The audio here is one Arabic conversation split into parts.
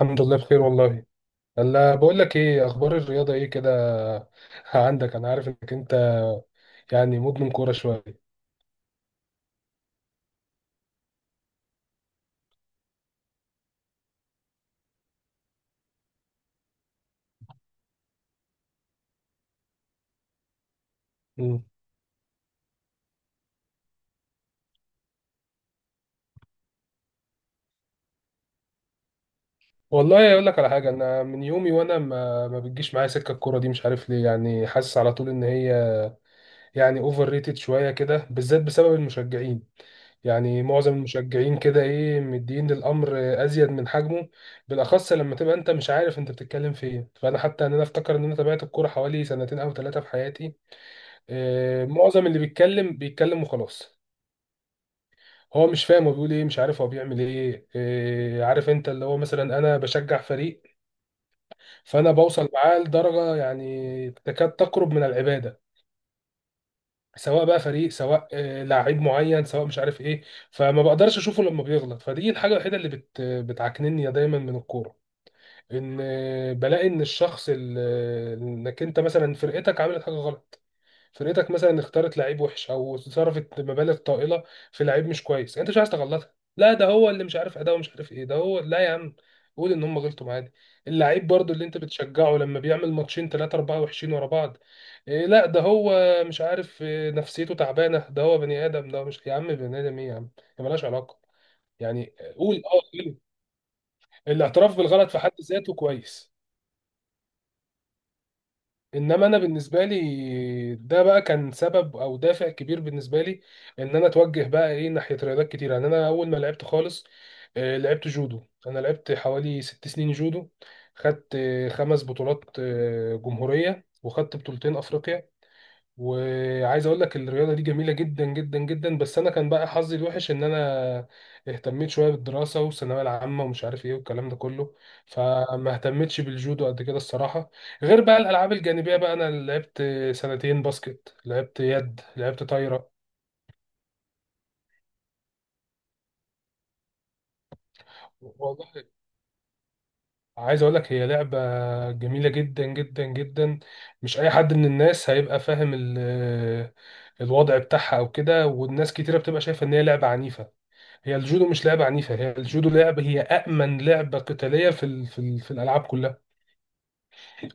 الحمد لله بخير والله. الا بقول لك، ايه اخبار الرياضه، ايه كده؟ عندك انا عارف انك انت يعني مدمن كوره شويه. مم. والله اقول لك على حاجه، انا من يومي وانا ما بتجيش معايا سكه الكوره دي، مش عارف ليه، يعني حاسس على طول ان هي يعني اوفر ريتد شويه كده، بالذات بسبب المشجعين. يعني معظم المشجعين كده ايه، مدين للامر ازيد من حجمه، بالاخص لما تبقى انت مش عارف انت بتتكلم في ايه. فانا حتى ان انا افتكر ان انا تابعت الكوره حوالي سنتين او ثلاثه في حياتي. معظم اللي بيتكلم بيتكلم وخلاص، هو مش فاهم هو بيقول ايه، مش عارف هو بيعمل ايه. عارف انت، اللي هو مثلا انا بشجع فريق، فانا بوصل معاه لدرجة يعني تكاد تقرب من العبادة. سواء بقى فريق، سواء لعيب معين، سواء مش عارف ايه، فما بقدرش اشوفه لما بيغلط. فدي الحاجة الوحيدة اللي بتعكنني دايما من الكورة، ان بلاقي ان الشخص انك انت مثلا فرقتك عملت حاجة غلط، فرقتك مثلا اختارت لعيب وحش او صرفت مبالغ طائله في لعيب مش كويس، يعني انت مش عايز تغلطها. لا ده هو اللي مش عارف اداؤه، مش عارف ايه، ده هو، لا يا عم، قول ان هم غلطوا معانا. اللعيب برضو اللي انت بتشجعه، لما بيعمل ماتشين ثلاثة أربعة وحشين ورا بعض، إيه لا ده هو، مش عارف إيه، نفسيته تعبانة، ده هو بني آدم، ده هو مش يا عم، بني آدم إيه يا عم؟ هي ملهاش علاقة، يعني قول قول. الاعتراف بالغلط في حد ذاته كويس، انما انا بالنسبه لي ده بقى كان سبب او دافع كبير بالنسبه لي، ان انا اتوجه بقى ايه ناحيه رياضات كتير. يعني انا اول ما لعبت خالص، لعبت جودو. انا لعبت حوالي 6 سنين جودو، خدت 5 بطولات جمهوريه، وخدت بطولتين افريقيا. وعايز اقول لك الرياضه دي جميله جدا جدا جدا، بس انا كان بقى حظي الوحش ان انا اهتميت شويه بالدراسه والثانويه العامه ومش عارف ايه والكلام ده كله، فما اهتمتش بالجودو قد كده الصراحه. غير بقى الالعاب الجانبيه، بقى انا لعبت سنتين باسكت، لعبت يد، لعبت طايره. والله عايز اقول لك، هي لعبه جميله جدا جدا جدا، مش اي حد من الناس هيبقى فاهم الوضع بتاعها او كده، والناس كتيره بتبقى شايفه ان هي لعبه عنيفه. هي الجودو مش لعبة عنيفة، هي الجودو لعبة، هي أأمن لعبة قتالية في الألعاب كلها.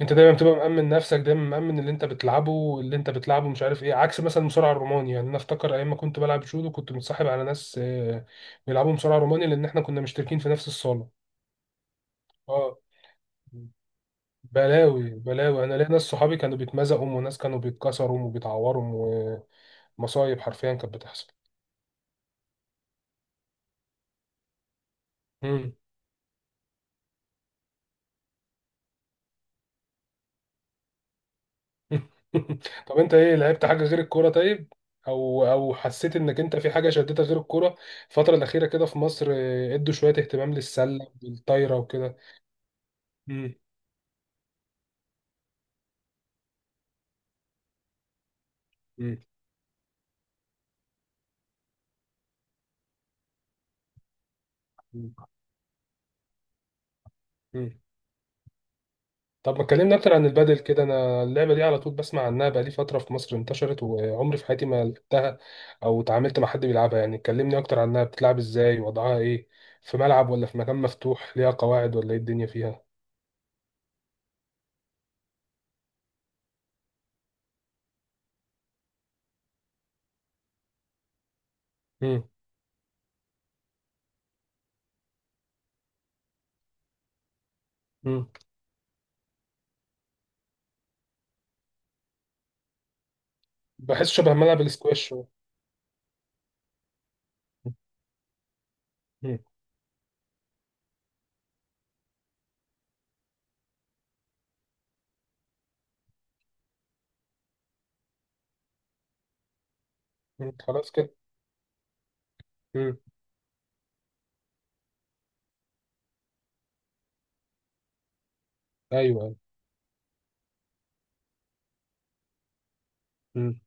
أنت دايما بتبقى مأمن نفسك، دايما مأمن اللي أنت بتلعبه، مش عارف إيه، عكس مثلا المصارعة الروماني، يعني أنا أفتكر أيام ما كنت بلعب جودو كنت متصاحب على ناس بيلعبوا مصارعة روماني، لأن إحنا كنا مشتركين في نفس الصالة. أه، بلاوي بلاوي، أنا ليا ناس صحابي كانوا بيتمزقوا، وناس كانوا بيتكسروا وبيتعوروا، ومصايب حرفيا كانت بتحصل. طب انت ايه، لعبت حاجه غير الكوره طيب، او حسيت انك انت في حاجه شدتك غير الكوره؟ الفتره الاخيره كده في مصر ادوا شويه اهتمام للسله والطايره وكده. مم. مم. مم. مم. طب ما اتكلمنا اكتر عن البادل كده. انا اللعبه دي على طول بسمع عنها بقالي فتره في مصر انتشرت، وعمري في حياتي ما لعبتها او اتعاملت مع حد بيلعبها، يعني كلمني اكتر عنها، بتلعب ازاي، وضعها ايه، في ملعب ولا في مكان مفتوح، ليها قواعد ولا ايه الدنيا فيها؟ مم. مم. بحس شبه ملعب الاسكواش شويه. مم. خلاص كده. مم. ايوه ايوه. مم.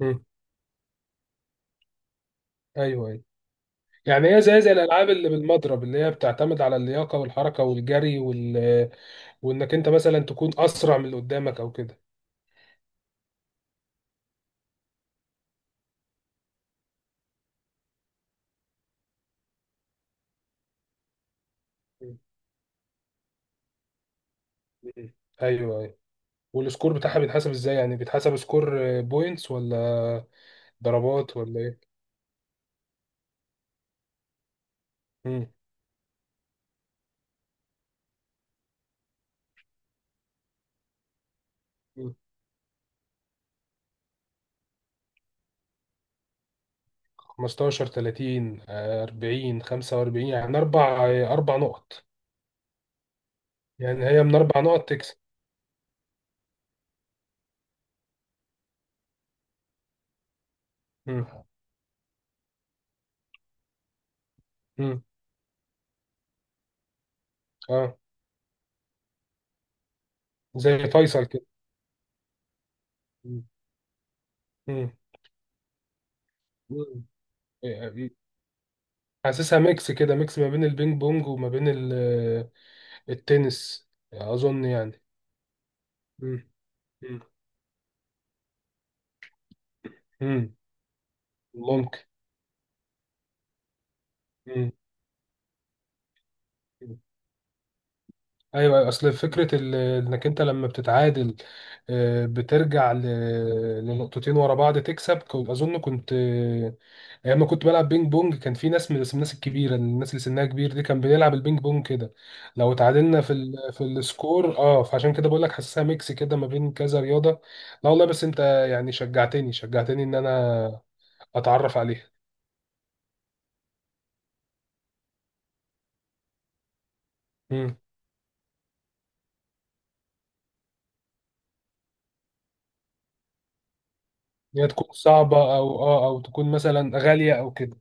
مم. ايوه ايوه. يعني هي زي الالعاب اللي بالمضرب، اللي هي بتعتمد على اللياقه والحركه والجري وانك انت مثلا تكون اسرع من اللي قدامك او كده. مم. مم. ايوه ايوه. والسكور بتاعها بيتحسب ازاي؟ يعني بيتحسب سكور بوينتس ولا ضربات ولا ايه؟ مم. مم. 15، 30، 40، 45، يعني اربع نقط، يعني هي من 4 نقط تكسب. مم. مم. اه، زي فيصل كده. مم. مم. مم. يعني حاسسها ميكس كده، ميكس ما بين البينج بونج وما بين التنس، اظن يعني. مم. مم. مم. ممكن. مم. مم. ايوه، اصل فكره انك انت لما بتتعادل، بترجع لنقطتين ورا بعض تكسب، اظن كنت ايام ما كنت بلعب بينج بونج كان في ناس بس من الناس الكبيره، الناس اللي سنها كبير دي كان بنلعب البينج بونج كده لو اتعادلنا في السكور، فعشان كده بقول لك حاسسها ميكس كده ما بين كذا رياضه. لا والله، بس انت يعني شجعتني شجعتني ان انا اتعرف عليها. امم. هي تكون صعبه او تكون مثلا غاليه او كده.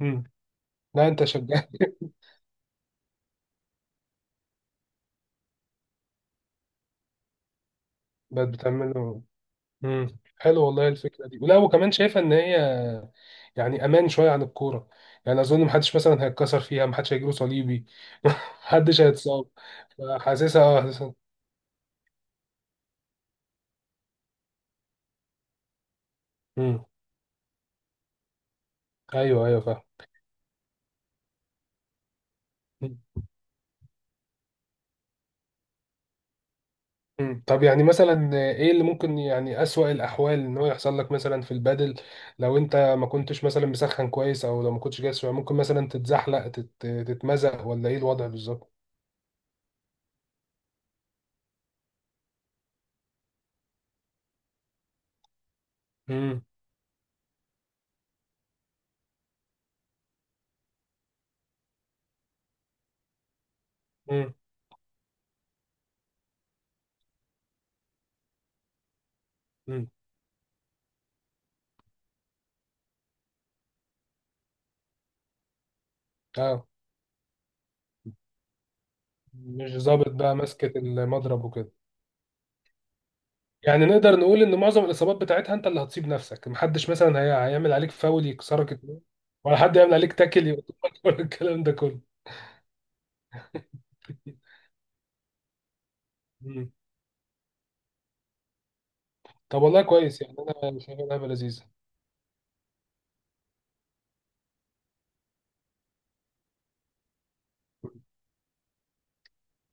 امم. لا انت شجعت، بقت بتعمله. امم، حلو والله الفكره دي، ولا وكمان شايفه ان هي يعني امان شويه عن الكوره. يعني اظن محدش مثلا هيتكسر فيها، محدش هيجيله صليبي، محدش هيتصاب. حاسسها. امم. ايوه ايوه فاهم. مم. مم. طب يعني مثلا ايه اللي ممكن، يعني اسوأ الاحوال ان هو يحصل لك مثلا في البادل، لو انت ما كنتش مثلا مسخن كويس او لو ما كنتش جاهز شوية، ممكن مثلا تتزحلق، تتمزق ولا ايه الوضع بالظبط؟ امم. امم. امم. اه، مش ظابط بقى ماسكة المضرب وكده. يعني نقدر نقول ان معظم الاصابات بتاعتها انت اللي هتصيب نفسك، محدش مثلا هيعمل عليك فاول يكسرك اتنين، ولا حد يعمل عليك تاكل يقطعك ولا الكلام ده كله. مم. طب والله كويس يعني، انا شايفها لعبه لذيذه.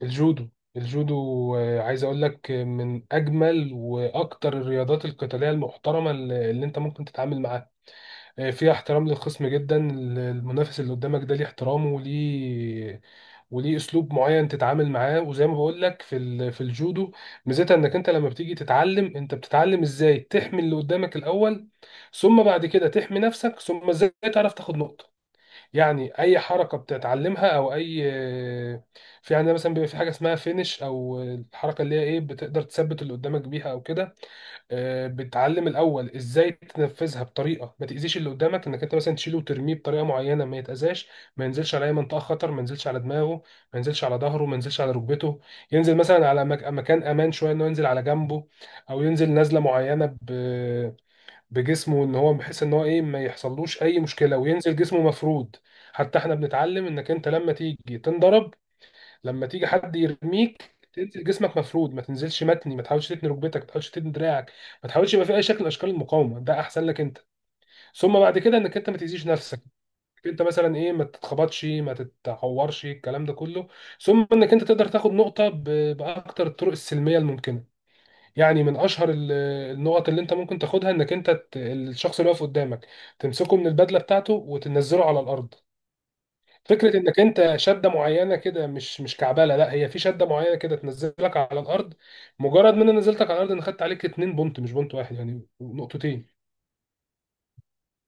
الجودو، الجودو. عايز اقول لك، من اجمل واكتر الرياضات القتاليه المحترمه اللي انت ممكن تتعامل معاها. فيها احترام للخصم جدا. المنافس اللي قدامك ده ليه احترامه، وليه اسلوب معين تتعامل معاه. وزي ما بقول لك في الجودو، ميزتها انك انت لما بتيجي تتعلم، انت بتتعلم ازاي تحمي اللي قدامك الاول، ثم بعد كده تحمي نفسك، ثم ازاي تعرف تاخد نقطة. يعني اي حركة بتتعلمها او اي، في عندنا مثلا بيبقى في حاجة اسمها فينش، او الحركة اللي هي ايه بتقدر تثبت اللي قدامك بيها او كده. بتعلم الاول ازاي تنفذها بطريقه ما تاذيش اللي قدامك، انك انت مثلا تشيله وترميه بطريقه معينه ما يتاذاش، ما ينزلش على اي منطقه خطر، ما ينزلش على دماغه، ما ينزلش على ظهره، ما ينزلش على ركبته، ينزل مثلا على مكان امان شويه، انه ينزل على جنبه، او ينزل نزله معينه بجسمه، ان هو بحيث ان هو ايه ما يحصلوش اي مشكله، وينزل جسمه مفرود. حتى احنا بنتعلم انك انت لما تيجي تنضرب، لما تيجي حد يرميك تنزل جسمك مفرود، ما تنزلش متني، ما تحاولش تتني ركبتك، ما تحاولش تتني دراعك، ما تحاولش يبقى في اي شكل من اشكال المقاومه، ده احسن لك انت، ثم بعد كده انك انت ما تاذيش نفسك، انت مثلا ايه ما تتخبطش ما تتعورش الكلام ده كله، ثم انك انت تقدر تاخد نقطه باكتر الطرق السلميه الممكنه. يعني من اشهر النقط اللي انت ممكن تاخدها، انك انت الشخص اللي واقف قدامك تمسكه من البدله بتاعته وتنزله على الارض. فكرة انك انت شدة معينة كده مش كعبالة، لا هي في شدة معينة كده تنزلك على الارض. مجرد ما انا نزلتك على الارض، انا خدت عليك 2 بونت، مش بونت واحد، يعني نقطتين.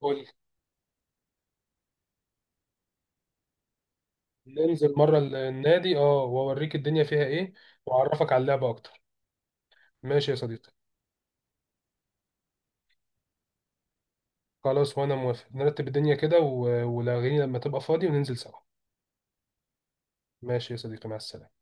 قول لي. ننزل مرة النادي واوريك الدنيا فيها ايه، واعرفك على اللعبة اكتر. ماشي يا صديقي، خلاص وانا موافق، نرتب الدنيا كده ولاغيني لما تبقى فاضي وننزل سوا. ماشي يا صديقي، مع السلامة.